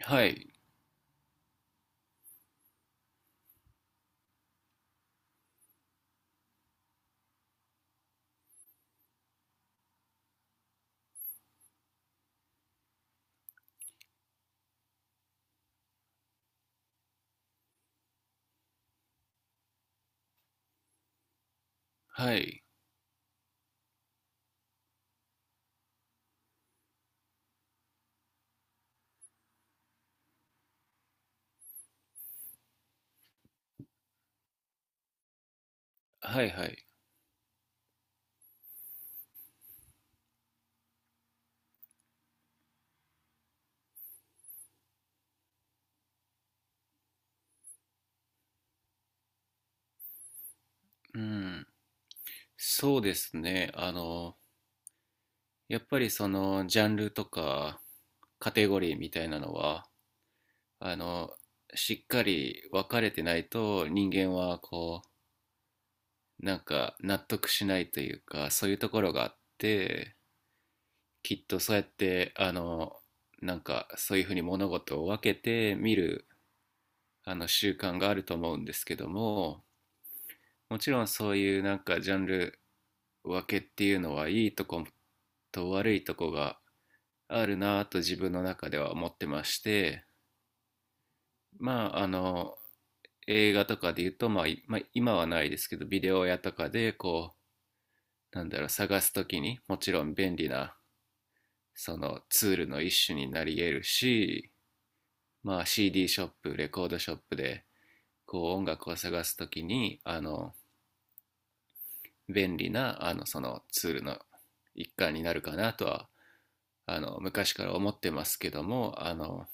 はい、はい、はいはい。うん。そうですね。やっぱりそのジャンルとかカテゴリーみたいなのは、あの、しっかり分かれてないと人間はこう、なんか納得しないというか、そういうところがあって、きっとそうやって、なんかそういうふうに物事を分けて見る、習慣があると思うんですけども、もちろんそういうなんかジャンル分けっていうのはいいとこと悪いとこがあるなぁと自分の中では思ってまして、まあ、映画とかで言うと、まあいまあ今はないですけどビデオ屋とかでこうなんだろう探すときにもちろん便利なそのツールの一種になり得るし、まあ、CD ショップレコードショップでこう音楽を探すときに便利なそのツールの一環になるかなとは昔から思ってますけども、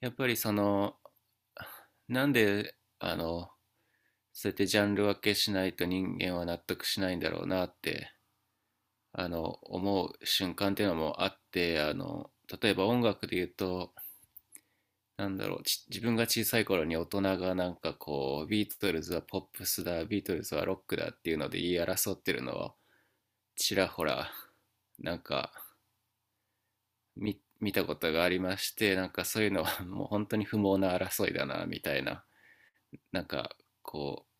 やっぱりその、なんでそうやってジャンル分けしないと人間は納得しないんだろうなって思う瞬間っていうのもあって、例えば音楽で言うと、なんだろう、自分が小さい頃に大人がなんかこうビートルズはポップスだビートルズはロックだっていうので言い争ってるのをちらほらなんか見たことがありまして、なんかそういうのは もう本当に不毛な争いだな、みたいな、なんかこう、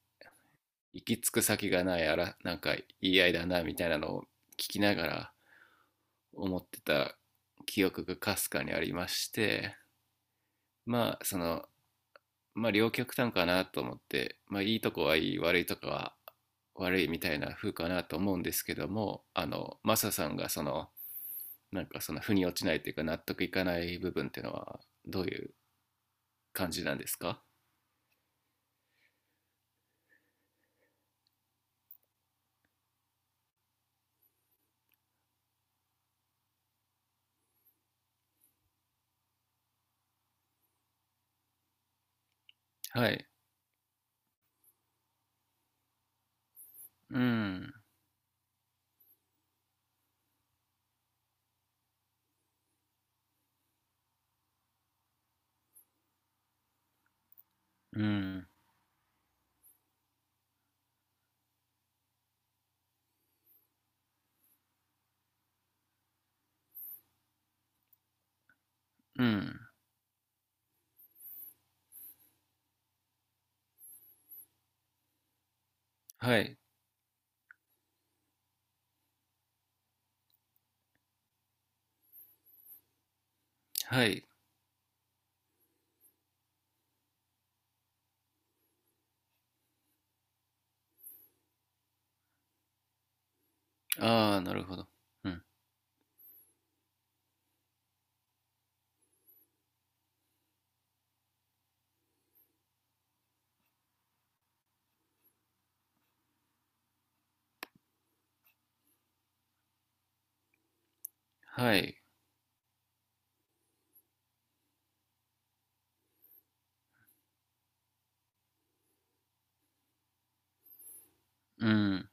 行き着く先がないあら、なんか言い合いだな、みたいなのを聞きながら思ってた記憶がかすかにありまして、まあその、まあ両極端かなと思って、まあいいとこはいい、悪いとこは悪いみたいな風かなと思うんですけども、マサさんがその、なんかその腑に落ちないというか納得いかない部分っていうのはどういう感じなんですか？はい。うん、うん、うん。はい、はい。ああ、なるほど。うん。はい。うん。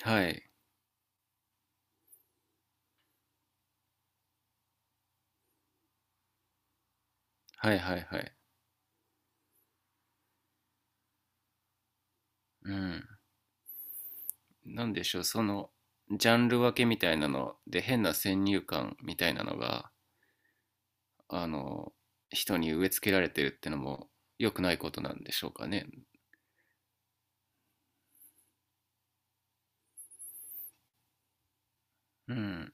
はい。はいはいはい。うん。なんでしょう、その、ジャンル分けみたいなので、変な先入観みたいなのが、あの、人に植え付けられてるってのも良くないことなんでしょうかね。うん。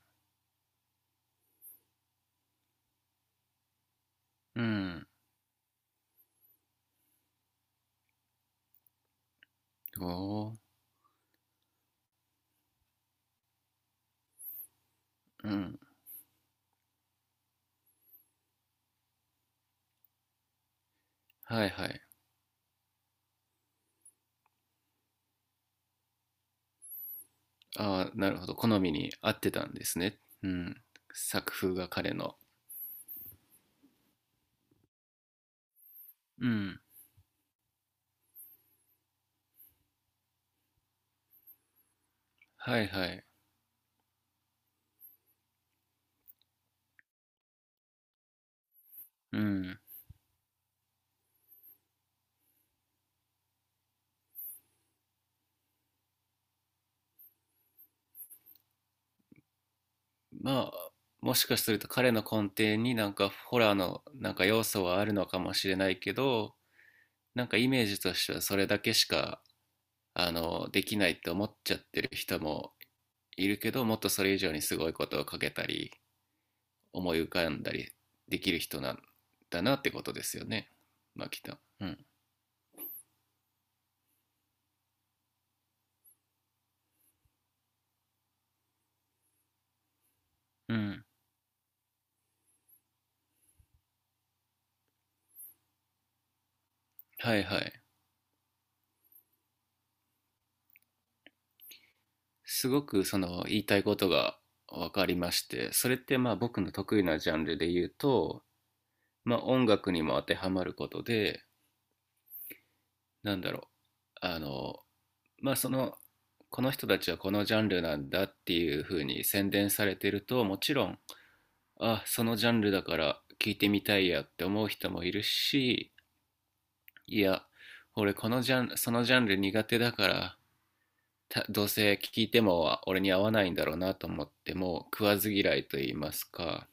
うん。おお。うん。はいはい。ああ、なるほど。好みに合ってたんですね。うん。作風が彼の。うん。はいはい。うん。まあ、もしかすると彼の根底になんかホラーのなんか要素はあるのかもしれないけど、なんかイメージとしてはそれだけしか、できないって思っちゃってる人もいるけど、もっとそれ以上にすごいことをかけたり、思い浮かんだりできる人なんだなってことですよね。まあ、きっと。うん。うん。はいはい。すごくその言いたいことが分かりまして、それってまあ僕の得意なジャンルで言うと、まあ、音楽にも当てはまることで、なんだろう、あのまあ、その、この人たちはこのジャンルなんだっていう風に宣伝されてると、もちろんあ、そのジャンルだから聞いてみたいやって思う人もいるし、いや、俺このジャンそのジャンル苦手だからどうせ聴いても俺に合わないんだろうなと思っても、食わず嫌いと言いますか、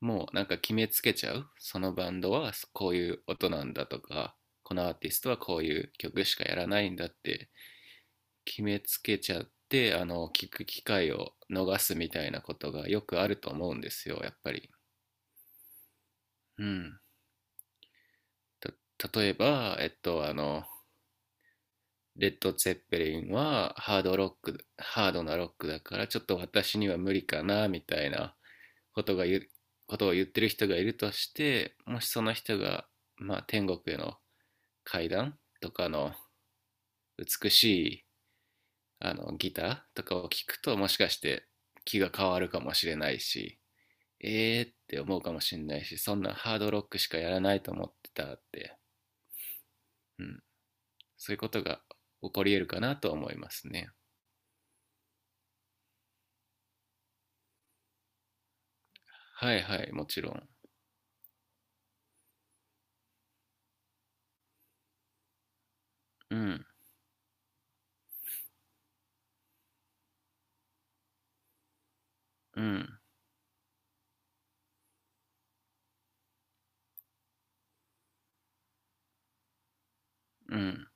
もうなんか決めつけちゃう。そのバンドはこういう音なんだとか、このアーティストはこういう曲しかやらないんだって決めつけちゃって、聞く機会を逃すみたいなことがよくあると思うんですよ、やっぱり。うん。例えば、レッド・ツェッペリンはハードロック、ハードなロックだからちょっと私には無理かな、みたいなことが言う、ことを言ってる人がいるとして、もしその人が、まあ、天国への階段とかの美しいギターとかを聴くと、もしかして気が変わるかもしれないし、えーって思うかもしれないし、そんなハードロックしかやらないと思ってたって、うん、そういうことが起こり得るかなと思いますね。はいはい、もちろん。うん、うん、うん、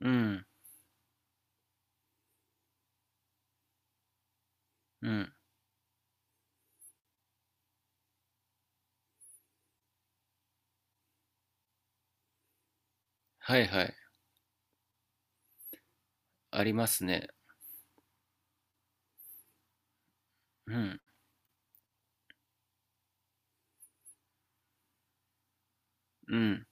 うん、うん。はいはい。ありますね。うん、うん。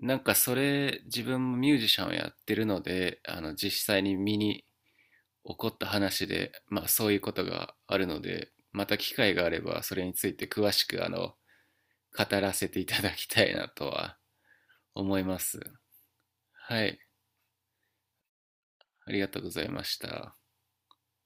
なんかそれ自分もミュージシャンをやってるので、実際に身に起こった話で、まあ、そういうことがあるので、また機会があれば、それについて詳しく、語らせていただきたいなとは思います。はい。ありがとうございました。